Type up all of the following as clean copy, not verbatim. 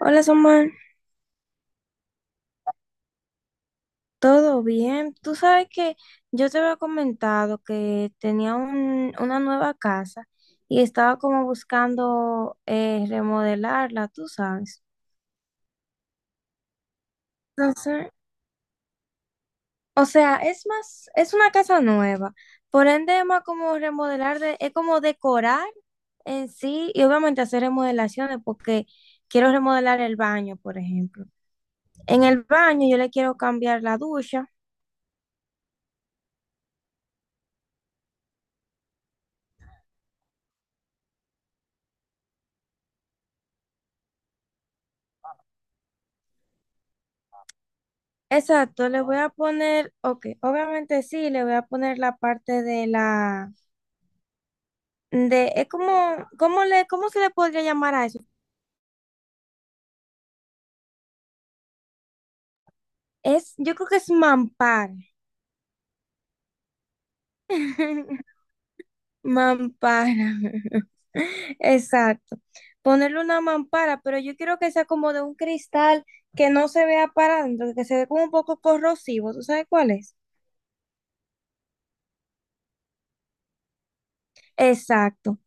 Hola, Samuel. ¿Todo bien? Tú sabes que yo te había comentado que tenía una nueva casa y estaba como buscando remodelarla, tú sabes. Entonces, o sea, es más, es una casa nueva. Por ende, es más como remodelar, es como decorar en sí y obviamente hacer remodelaciones porque quiero remodelar el baño, por ejemplo. En el baño yo le quiero cambiar la ducha. Exacto, le voy a poner, ok, obviamente sí, le voy a poner la parte de la, de, es como, ¿cómo le, cómo se le podría llamar a eso? Es, yo creo que es mampara. Mampara. Exacto. Ponerle una mampara, pero yo quiero que sea como de un cristal que no se vea para adentro, que se ve como un poco corrosivo. ¿Tú sabes cuál es? Exacto.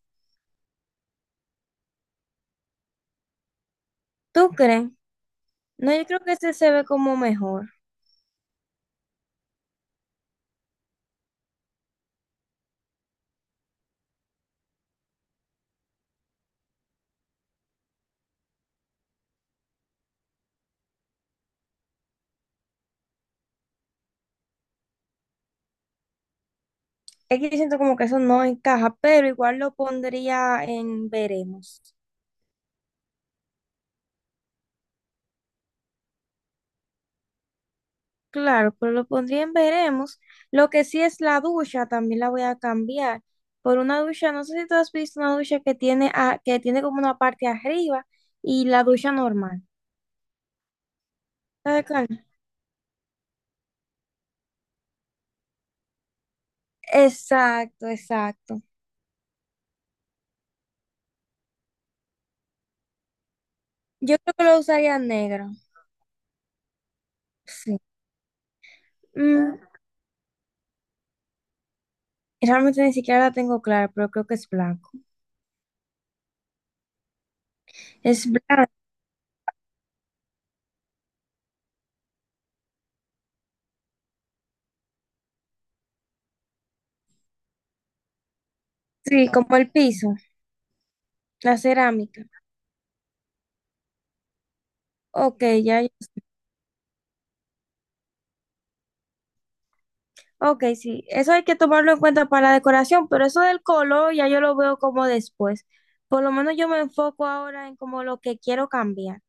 ¿Tú crees? No, yo creo que ese se ve como mejor. Es que yo siento como que eso no encaja, pero igual lo pondría en veremos. Claro, pero lo pondría en veremos. Lo que sí es la ducha, también la voy a cambiar por una ducha, no sé si tú has visto una ducha que tiene, que tiene como una parte arriba y la ducha normal. ¿Sabes cuál? Exacto, exacto. Yo creo que lo usaría negro. Sí. Mm, realmente ni siquiera la tengo clara, pero creo que es blanco. Es blanco, sí, como el piso, la cerámica. Ok, ya. Ok, sí, eso hay que tomarlo en cuenta para la decoración, pero eso del color ya yo lo veo como después. Por lo menos yo me enfoco ahora en como lo que quiero cambiar.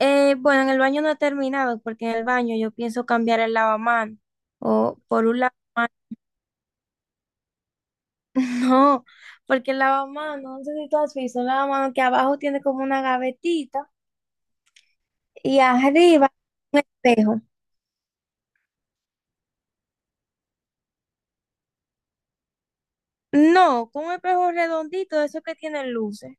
Bueno, en el baño no he terminado, porque en el baño yo pienso cambiar el lavamanos o por un lavamanos. No, porque el lavamanos, no sé si tú has visto, un lavamanos que abajo tiene como una gavetita y arriba un espejo. No, con un espejo redondito, eso que tiene luces.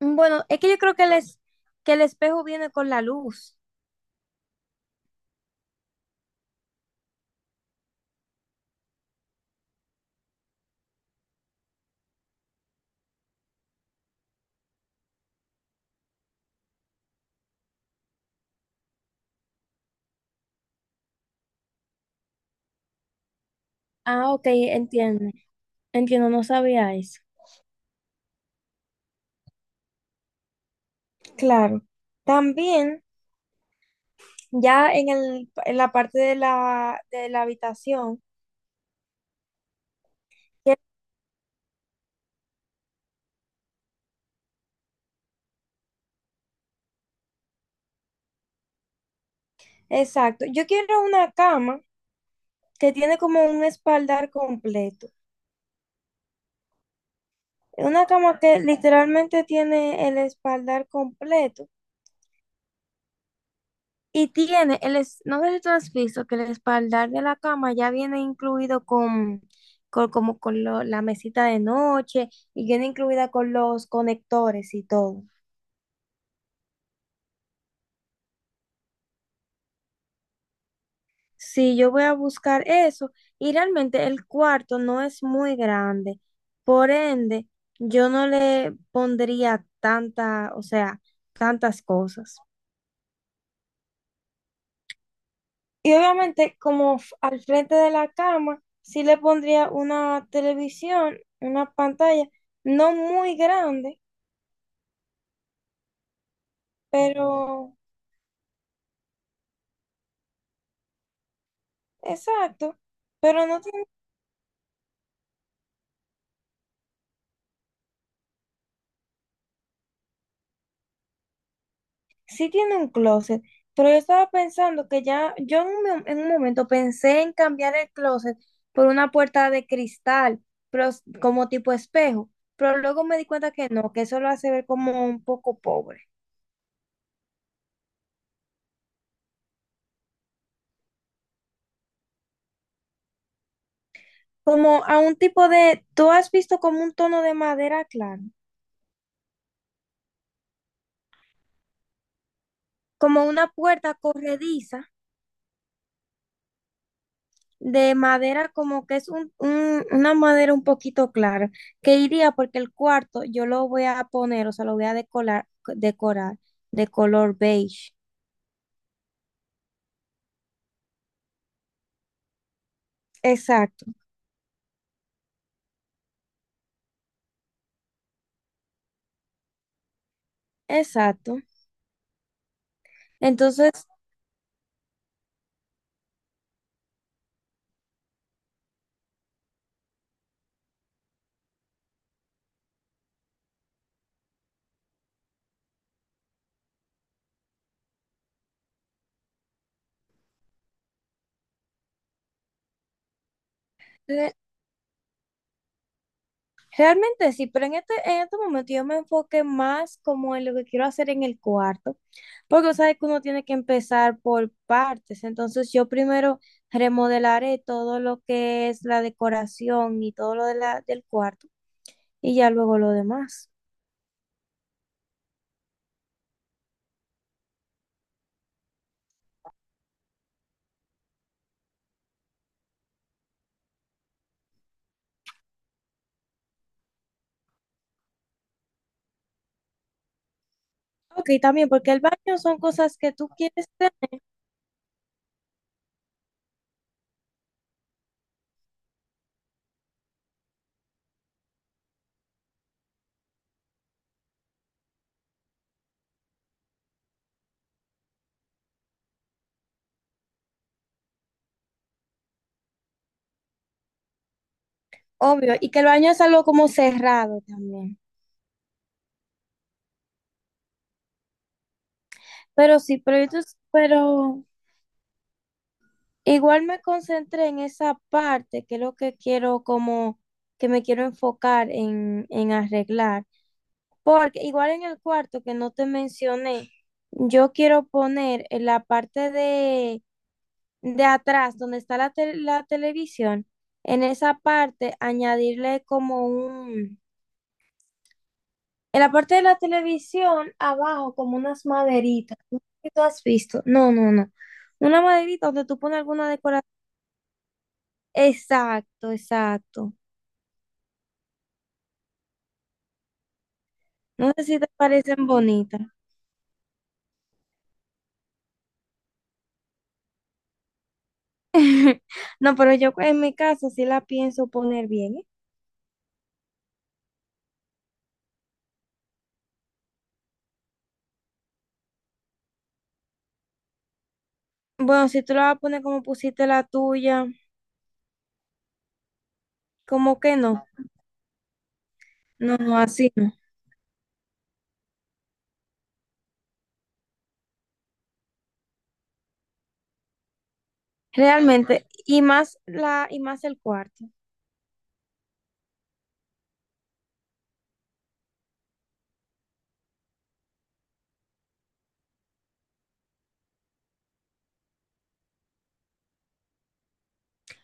Bueno, es que yo creo que que el espejo viene con la luz. Ah, ok, entiendo. Entiendo, no sabía eso. Claro. También, ya en el, en la parte de la habitación, que- exacto. Yo quiero una cama que tiene como un espaldar completo. Una cama que literalmente tiene el espaldar completo. Y tiene, no sé si tú has visto que el espaldar de la cama ya viene incluido con, como con la mesita de noche y viene incluida con los conectores y todo. Sí, yo voy a buscar eso y realmente el cuarto no es muy grande, por ende, yo no le pondría tanta, o sea, tantas cosas. Y obviamente, como al frente de la cama, sí le pondría una televisión, una pantalla, no muy grande, pero exacto, pero no tiene, sí tiene un closet. Pero yo estaba pensando que ya, yo en en un momento pensé en cambiar el closet por una puerta de cristal, pero como tipo espejo, pero luego me di cuenta que no, que eso lo hace ver como un poco pobre. Como a un tipo de, ¿tú has visto como un tono de madera claro? Como una puerta corrediza de madera, como que es una madera un poquito clara, que iría porque el cuarto yo lo voy a poner, o sea, lo voy a decorar, decorar de color beige. Exacto, exacto. Entonces, re- realmente sí, pero en este momento yo me enfoqué más como en lo que quiero hacer en el cuarto. Porque sabes que uno tiene que empezar por partes. Entonces yo primero remodelaré todo lo que es la decoración y todo lo de la, del cuarto y ya luego lo demás. Ok, también porque el baño son cosas que tú quieres tener, obvio, y que el baño es algo como cerrado también. Pero sí, pero, pero igual me concentré en esa parte, que es lo que quiero como, que me quiero enfocar en arreglar. Porque igual en el cuarto que no te mencioné, yo quiero poner en la parte de atrás, donde está la, la televisión, en esa parte añadirle como un, en la parte de la televisión, abajo, como unas maderitas. No sé si tú has visto. No, no, no. Una maderita donde tú pones alguna decoración. Exacto, exacto. No sé si te parecen bonitas. No, pero yo en mi caso sí la pienso poner bien, ¿eh? Bueno, si tú la vas a poner como pusiste la tuya, como que no. No, no, así no. Realmente, y más la, y más el cuarto.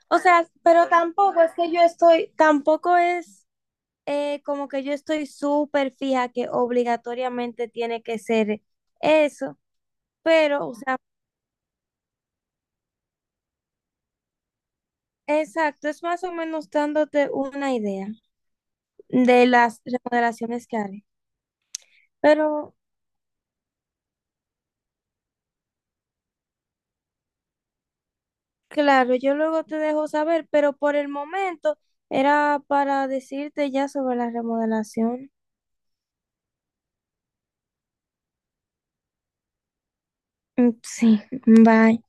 O sea, pero tampoco es que yo estoy, tampoco es como que yo estoy súper fija que obligatoriamente tiene que ser eso. Pero, o sea, exacto, es más o menos dándote una idea de las remodelaciones que haré. Pero claro, yo luego te dejo saber, pero por el momento era para decirte ya sobre la remodelación. Mm, sí, bye.